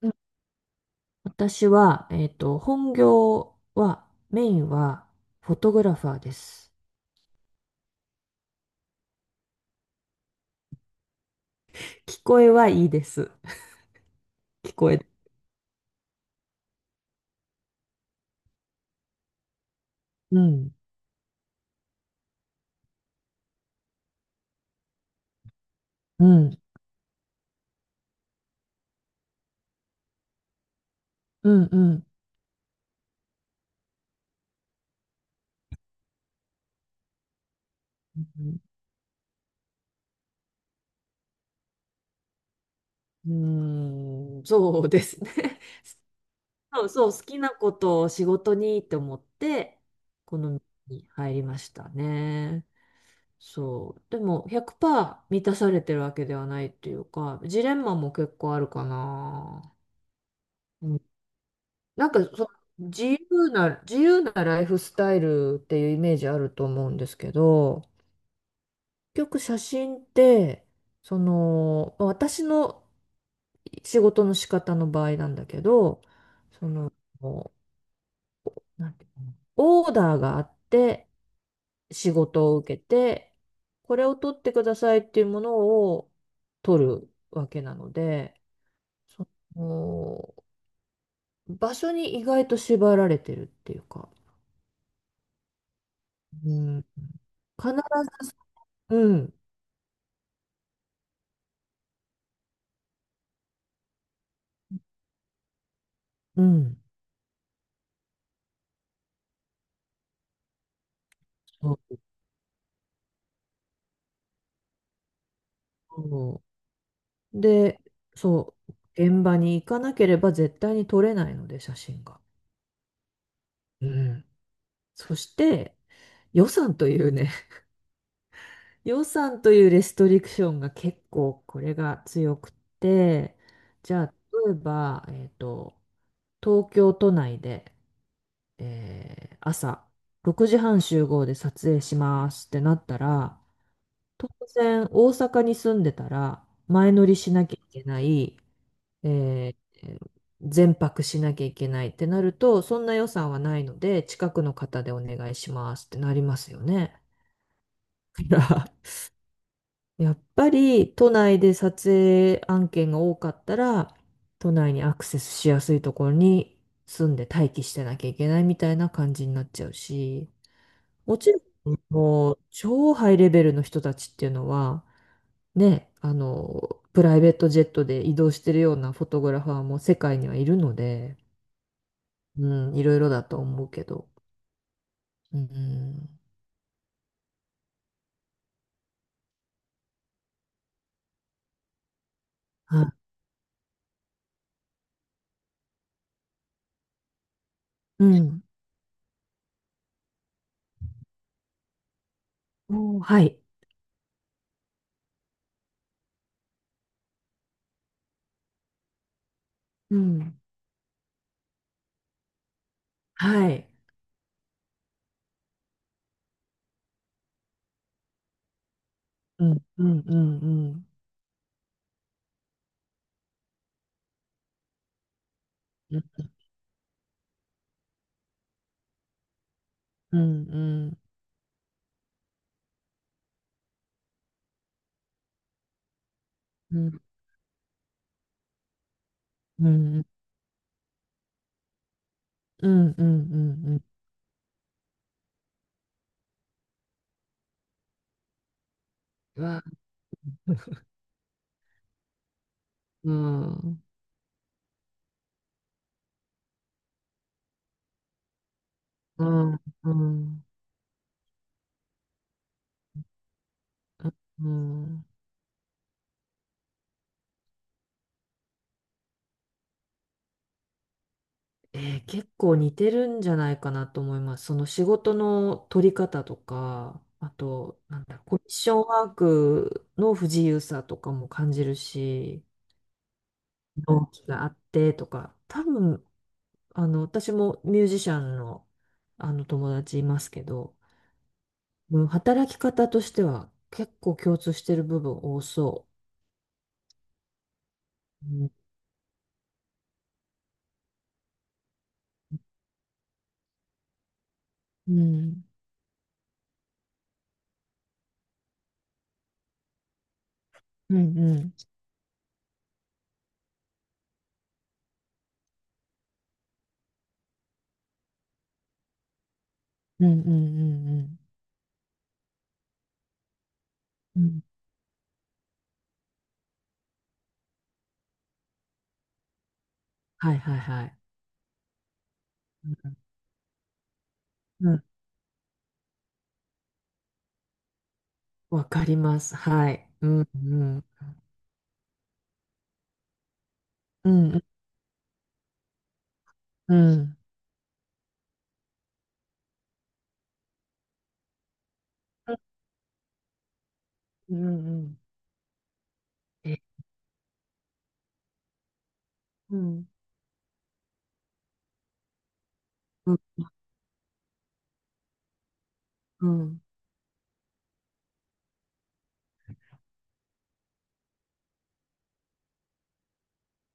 うん。私は、本業は、メインは、フォトグラファーです。聞こえはいいです。聞こえ、うん、うん、うん、うん、うん、うん、そうですね。そうそう、好きなことを仕事にって思って、この道に入りましたね。そう。でも、100%満たされてるわけではないっていうか、ジレンマも結構あるかな。うなんかその自由なライフスタイルっていうイメージあると思うんですけど、結局写真って、まあ私の仕事の仕方の場合なんだけど、その、なんていうの、オーダーがあって仕事を受けて、これを取ってくださいっていうものを取るわけなので、その、場所に意外と縛られてるっていうか、うん、必ず、うん、うん、そうそう。で、そう、現場に行かなければ絶対に撮れないので、写真が。うん。そして、予算というね、予算というレストリクションが結構これが強くって、じゃあ、例えば、東京都内で、朝6時半集合で撮影しますってなったら、当然大阪に住んでたら前乗りしなきゃいけない、えー全泊しなきゃいけないってなると、そんな予算はないので、近くの方でお願いしますってなりますよね。だから、 やっぱり都内で撮影案件が多かったら、都内にアクセスしやすいところに住んで待機してなきゃいけないみたいな感じになっちゃうし、もちろん、もう超ハイレベルの人たちっていうのは、ね、プライベートジェットで移動してるようなフォトグラファーも世界にはいるので、うん、いろいろだと思うけど。うん。あ、うん。おー、はい。うん。はい。うん、うん、うん、うん。うん、うん、うん、うん、うん、うん、うん、うん、わ、うん、うん、うん、うん。結構似てるんじゃないかなと思います。その仕事の取り方とか、あと、なんだろう、コミッションワークの不自由さとかも感じるし、同期があってとか、多分、私もミュージシャンの、あの友達いますけど、うん、働き方としては結構共通してる部分多そう。うん。うん、うん、うん、うん、うん、うん、うん。はいはいはい。うん。うん、わかります。はい。うん、うん、うん、うん、うん、うん、うん、え、うん、うん、うん、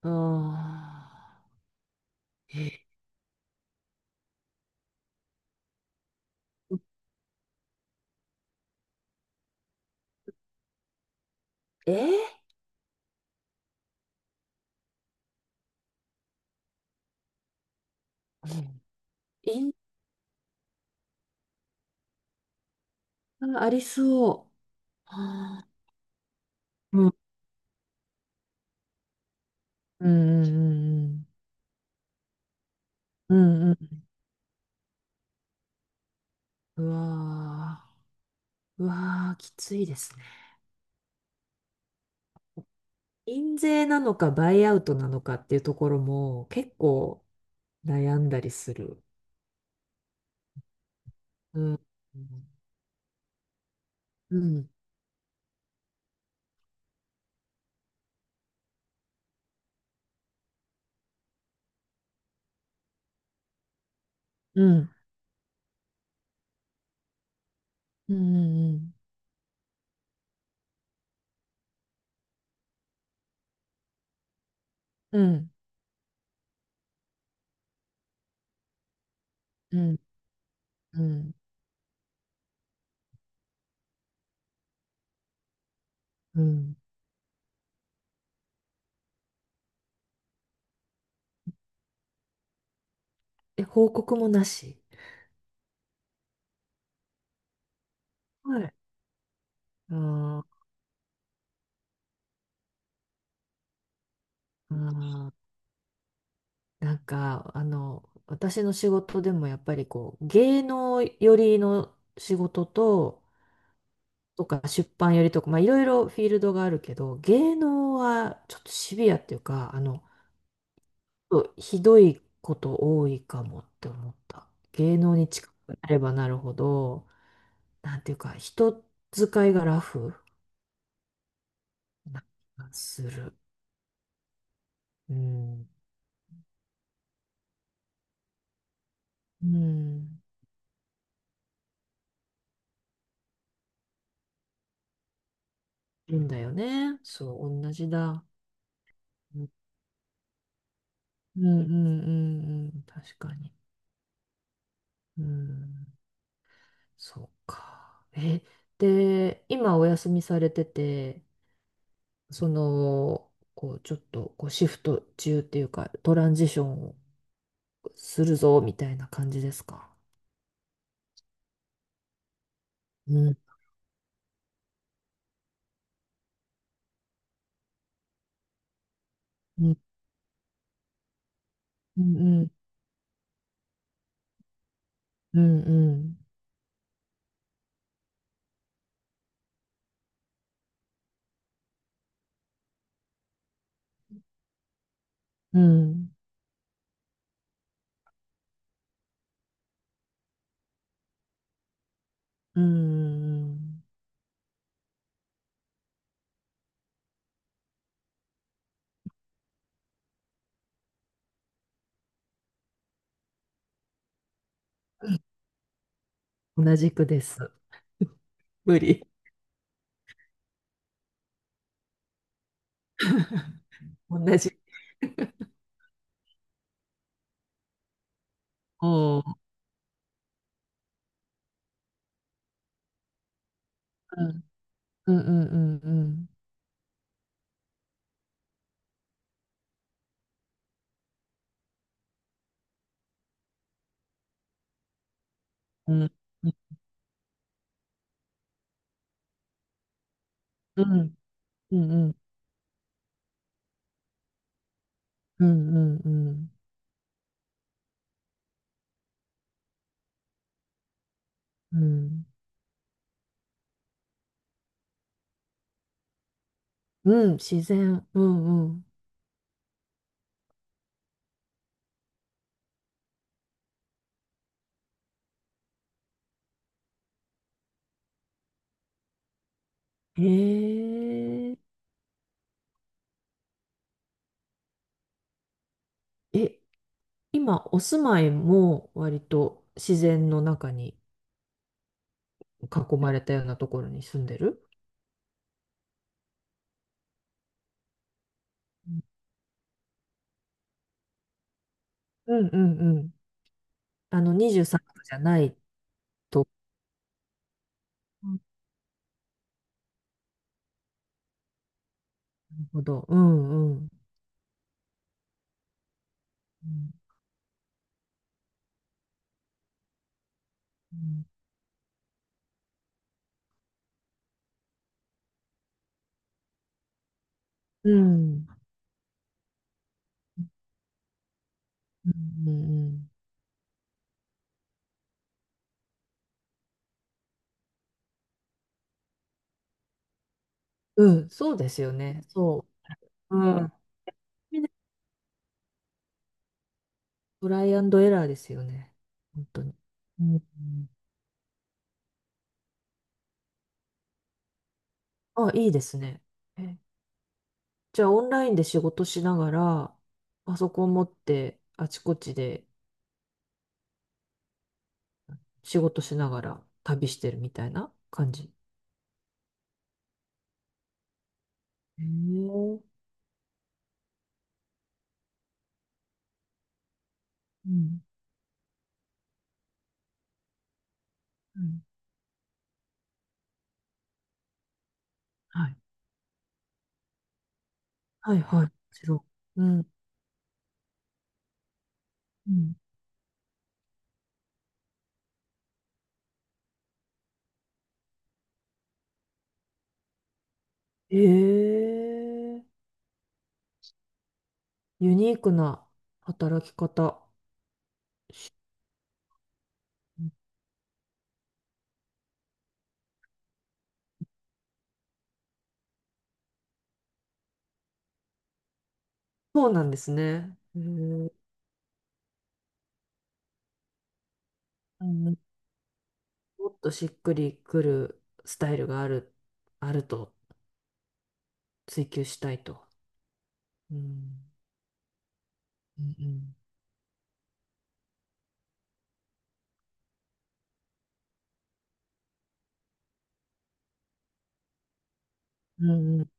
ああ、ええ、うん、インスタありそう。あー、うん、うん、うん、うん、うん、うん、うわー、うわー、きついですね。印税なのかバイアウトなのかっていうところも結構悩んだりする。うん。うん、うん、うん、うん、うん、うん、うん、うん、え、報告もなし。はい。ああ、なんか、私の仕事でもやっぱりこう、芸能寄りの仕事と、とか出版よりとか、まあ、いろいろフィールドがあるけど、芸能はちょっとシビアっていうか、ひどいこと多いかもって思った。芸能に近くなればなるほど、なんていうか、人使いがラフな気がする。うん。うん。いいんだよね。そう、同じだ。うん、うん、うん、うん。確かに。うん。そうか。え、で、今お休みされてて、その、こう、ちょっと、こう、シフト中っていうか、トランジションをするぞ、みたいな感じですか。うん、うん、うん、うん、うん、うん、うん、うん、同じくです。無理。同じ。おー、うん、うん、うん、うん、うん、うん、うん、うん、うん、うん、うん、うん、うん、自然。うん、うん。へえ。え、今、お住まいも割と自然の中に囲まれたようなところに住んでる。うん、うん、うん。あの、23区じゃないと。うん、なるほど。うん、うん。うん、うん。うん、うん、うん。うん、そうですよね。そう。うん。トライアンドエラーですよね。本当に。うん、うん、あ、いいですね。え、じゃあ、オンラインで仕事しながら、パソコン持って、あちこちで仕事しながら旅してるみたいな感じ。へえ、うん。うん。はい。はいはい。もちろん。うん。うん。へえ、ユニークな働き方。うん、そうなんですね。へえ、うん。もっとしっくりくるスタイルがあると追求したいと。うん。うん。うん、うん